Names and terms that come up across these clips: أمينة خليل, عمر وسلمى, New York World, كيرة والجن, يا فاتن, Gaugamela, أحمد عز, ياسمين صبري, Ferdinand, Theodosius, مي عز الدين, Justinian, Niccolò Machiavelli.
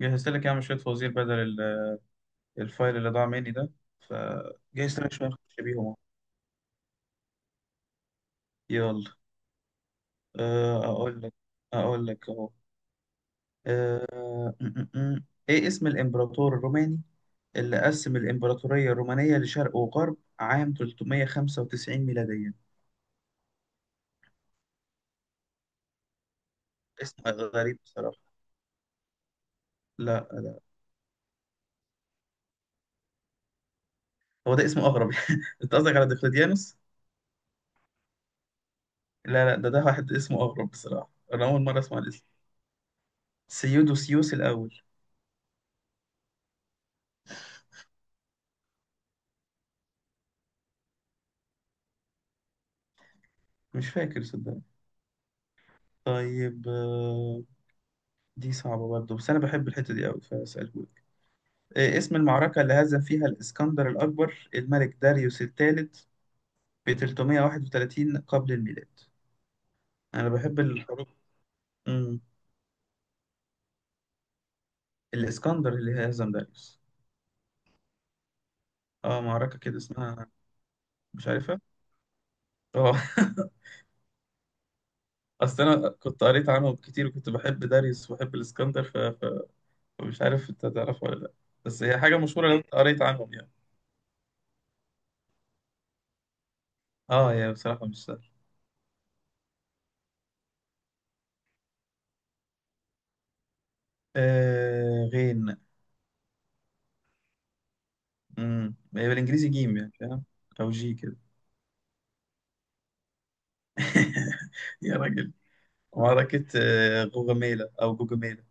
جهزت لك يا عم شوية فوازير بدل الفايل اللي ضاع مني ده فجهزت لك شوية نخش بيهم أهو. يلا، أقول لك، أهو آه، م- م- م. إيه اسم الإمبراطور الروماني اللي قسم الإمبراطورية الرومانية لشرق وغرب عام 395 ميلاديا؟ اسم غريب بصراحة. لا، هو ده اسمه أغرب. أنت قصدك على دقيقتيانوس؟ لا لا، ده واحد اسمه أغرب بصراحة، أنا أول مرة أسمع الاسم. سيودوسيوس الأول. مش فاكر صدقني. طيب، دي صعبة برضه، بس أنا بحب الحتة دي أوي فأسألهولك. إيه اسم المعركة اللي هزم فيها الإسكندر الأكبر الملك داريوس الثالث ب 331 قبل الميلاد؟ أنا بحب الحروب. مم. الإسكندر اللي هزم داريوس. آه، معركة كده اسمها. مش عارفها. آه. أصل أنا كنت قريت عنهم كتير، وكنت بحب داريوس وبحب الإسكندر ف... ف... فمش عارف أنت تعرفها ولا لأ. بس هي حاجة مشهورة لو أنت قريت عنهم يعني. آه يا بصراحة مش سهل. آه، غين. هي بالانجليزي جيم، يعني فاهم، او جي كده. يا راجل. معركة غوغاميلا او جوجاميلا.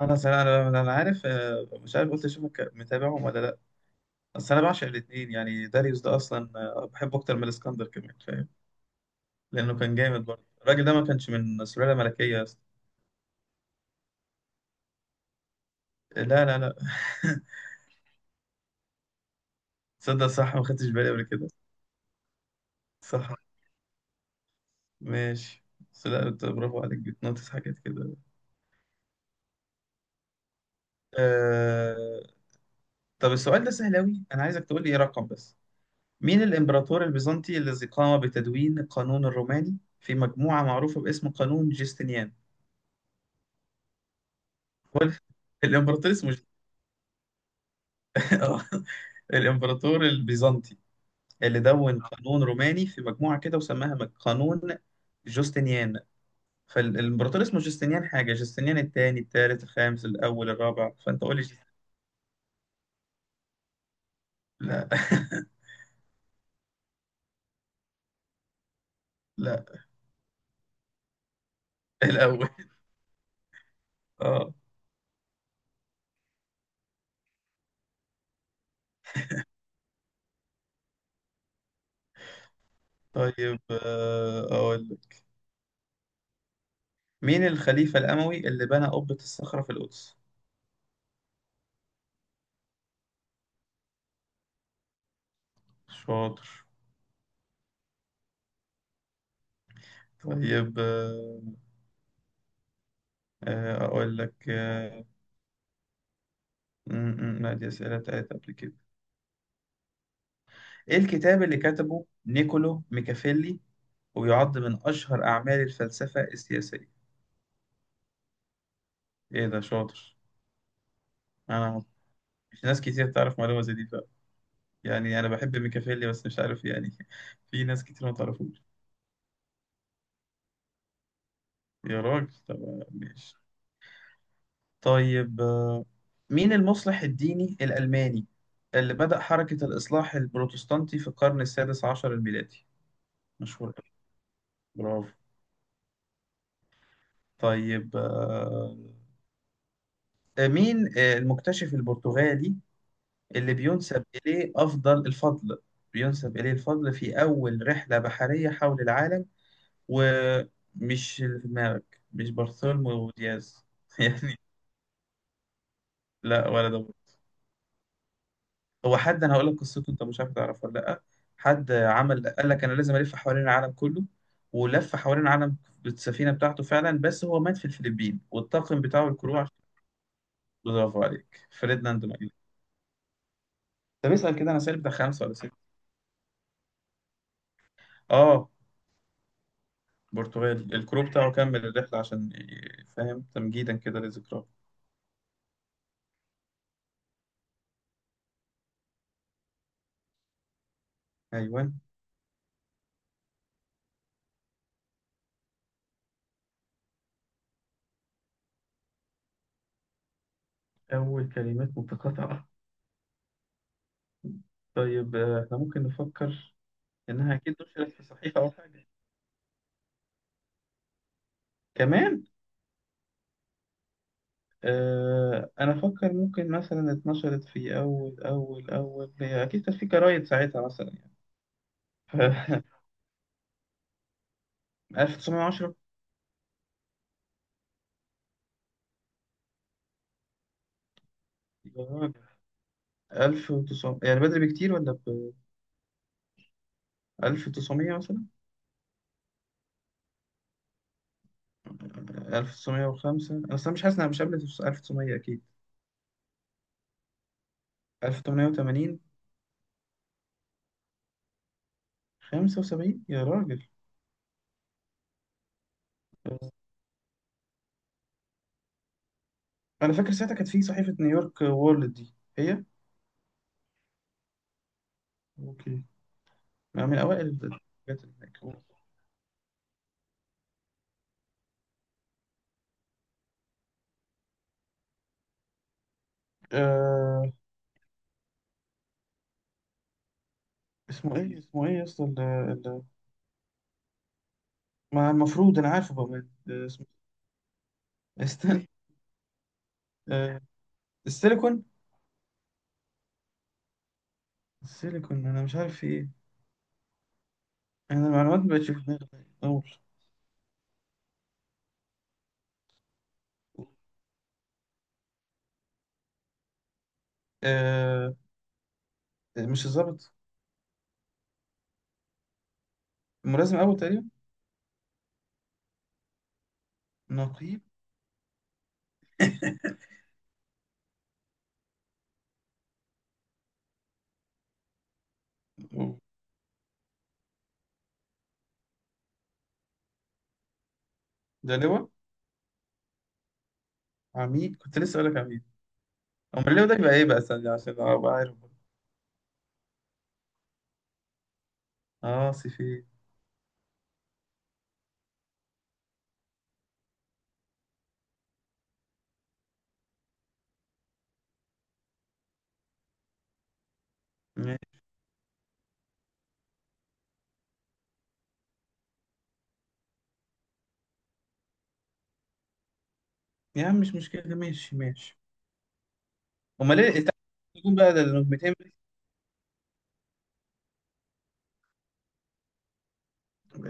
انا صراحة انا عارف، مش عارف، قلت اشوفك متابعهم ولا لا. بس انا بعشق الاثنين، يعني داريوس ده اصلا، بحبه اكتر من الاسكندر كمان، فاهم. لانه كان جامد برضه الراجل ده، ما كانش من سلالة ملكية يا اسطى. لا لا لا. تصدق صح، ما خدتش بالي قبل كده. صح. ماشي. بس لا، أنت برافو عليك، بتنطس حاجات كده. آه... طب السؤال ده سهل أوي، أنا عايزك تقول لي إيه رقم بس. مين الإمبراطور البيزنطي الذي قام بتدوين القانون الروماني في مجموعة معروفة باسم قانون جستنيان؟ هو ال- الإمبراطور اسمه آه. الإمبراطور البيزنطي اللي دون قانون روماني في مجموعة كده وسماها قانون جوستنيان. فالإمبراطور اسمه جوستنيان، حاجة جوستنيان الثاني، الثالث، الخامس، الأول، الرابع، فأنت قول لي لا. لا. الأول. اه. طيب، أقول لك. مين الخليفة الأموي اللي بنى قبة الصخرة في القدس؟ شاطر. طيب، أقول لك. ما دي أسئلة بتاعت قبل كده. إيه الكتاب اللي كتبه نيكولو ميكافيلي ويعد من أشهر أعمال الفلسفة السياسية؟ إيه ده، شاطر. أنا مش ناس كتير تعرف معلومة زي دي بقى، يعني أنا بحب ميكافيلي بس مش عارف يعني. في ناس كتير ما تعرفوش. يا راجل، طب ماشي. طيب، مين المصلح الديني الألماني اللي بدأ حركة الإصلاح البروتستانتي في القرن السادس عشر الميلادي؟ مشهور أوي. برافو. طيب، مين المكتشف البرتغالي اللي بينسب إليه الفضل، بينسب إليه الفضل في أول رحلة بحرية حول العالم؟ ومش اللي في دماغك مش bartholomew دياز. يعني لا، ولا ده. هو حد أنا هقول لك قصته، أنت مش عارف تعرفها ولا لأ. حد عمل قال لك أنا لازم ألف حوالين العالم كله، ولف حوالين العالم بالسفينة بتاعته فعلا، بس هو مات في الفلبين، والطاقم بتاعه الكروع. برافو عليك، فرديناند. طب اسأل كده، انا سالب ده خمسة ولا ستة. اه. برتغالي. الكرو بتاعه كمل الرحلة عشان فاهم، تمجيدا كده لذكراه. ايوه. اول كلمات متقاطعة. طيب، احنا ممكن نفكر انها اكيد نشرت في صحيفة او حاجة كمان. آه، انا افكر ممكن مثلا اتنشرت في اول، هي اكيد كانت في جرايد ساعتها مثلا يعني. ف 1910. يا راجل. 1900 يعني، بدري بكتير ولا ب 1900 مثلا؟ 1905. أنا أصلا مش حاسس إنها مش قبل 1900 أكيد. 1880. 75 يا راجل. أنا فاكر ساعتها كانت في صحيفة نيويورك وورلد دي هي. اوكي. أنا من أوائل الحاجات اللي هناك. آه... اسمه إيه، اسمه إيه يا اسطى ما المفروض أنا عارفه بقى، اسمه إيه؟ استنى. آه... السيليكون. السيليكون، أنا مش عارف في إيه. أنا المعلومات ما بقتش في دماغي أول. آه... مش الظابط. الملازم أول تقريبا. نقيب. ده لواء. عميد، كنت لسه اقول لك عميد. امال ليه ده يبقى ايه بقى ثانية، عشان ابقى عارف؟ اه سيفي. ماشي. يا عم مش مشكلة، ماشي ماشي. امال ليه؟ تعال نقول بقى ده النجمتين.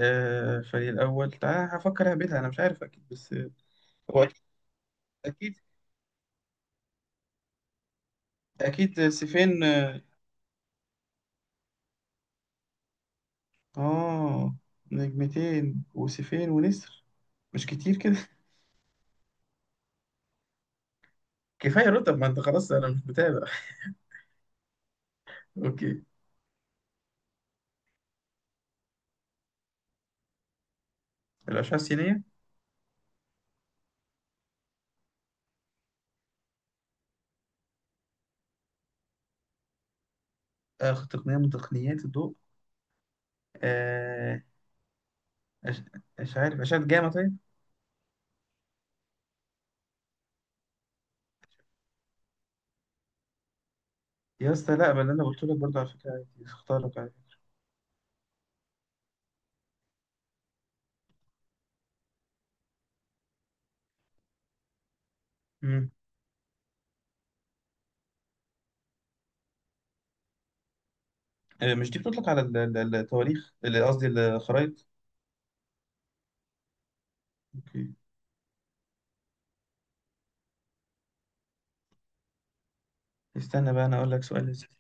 آه، الفريق الاول، تعال هفكر اهبدها، انا مش عارف اكيد بس، هو اكيد، اكيد، اكيد سيفين. اه، آه، نجمتين وسيفين ونسر. مش كتير كده. كفاية رتب، ما انت خلاص انا مش متابع. اوكي. الاشعة السينية. آه، تقنية من تقنيات الضوء. آه أش... مش عارف، اشعة جاما طيب؟ يا اسطى لا، ما اللي انا قلت لك برضه، على فكره عادي، اختارك عادي. امم. مش دي بتطلق على التواريخ، اللي قصدي الخرايط. اوكي. استنى بقى انا اقول لك سؤال يا سيدي.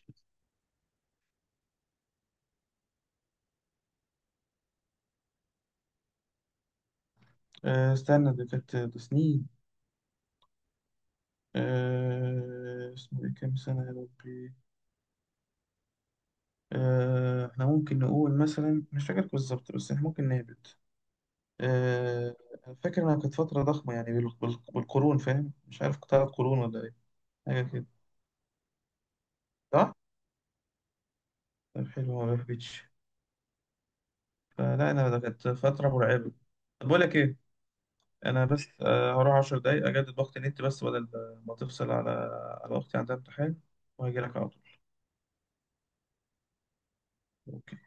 استنى، دي كانت ده سنين. اسمه ايه، كام سنه يا ربي. احنا ممكن نقول مثلا، مش فاكر بالظبط بس احنا ممكن نهبط. آه، فاكر انها كانت فتره ضخمه، يعني بالقرون فاهم، مش عارف 3 قرون ولا ايه، حاجه كده. صح. طب حلو، ما بهبطش. فلا انا ده كانت فتره مرعبه. طب بقول لك ايه، انا بس هروح 10 دقايق اجدد باقة النت، بس بدل ما تفصل على، على اختي عندها امتحان، وهجي لك على طول. اوكي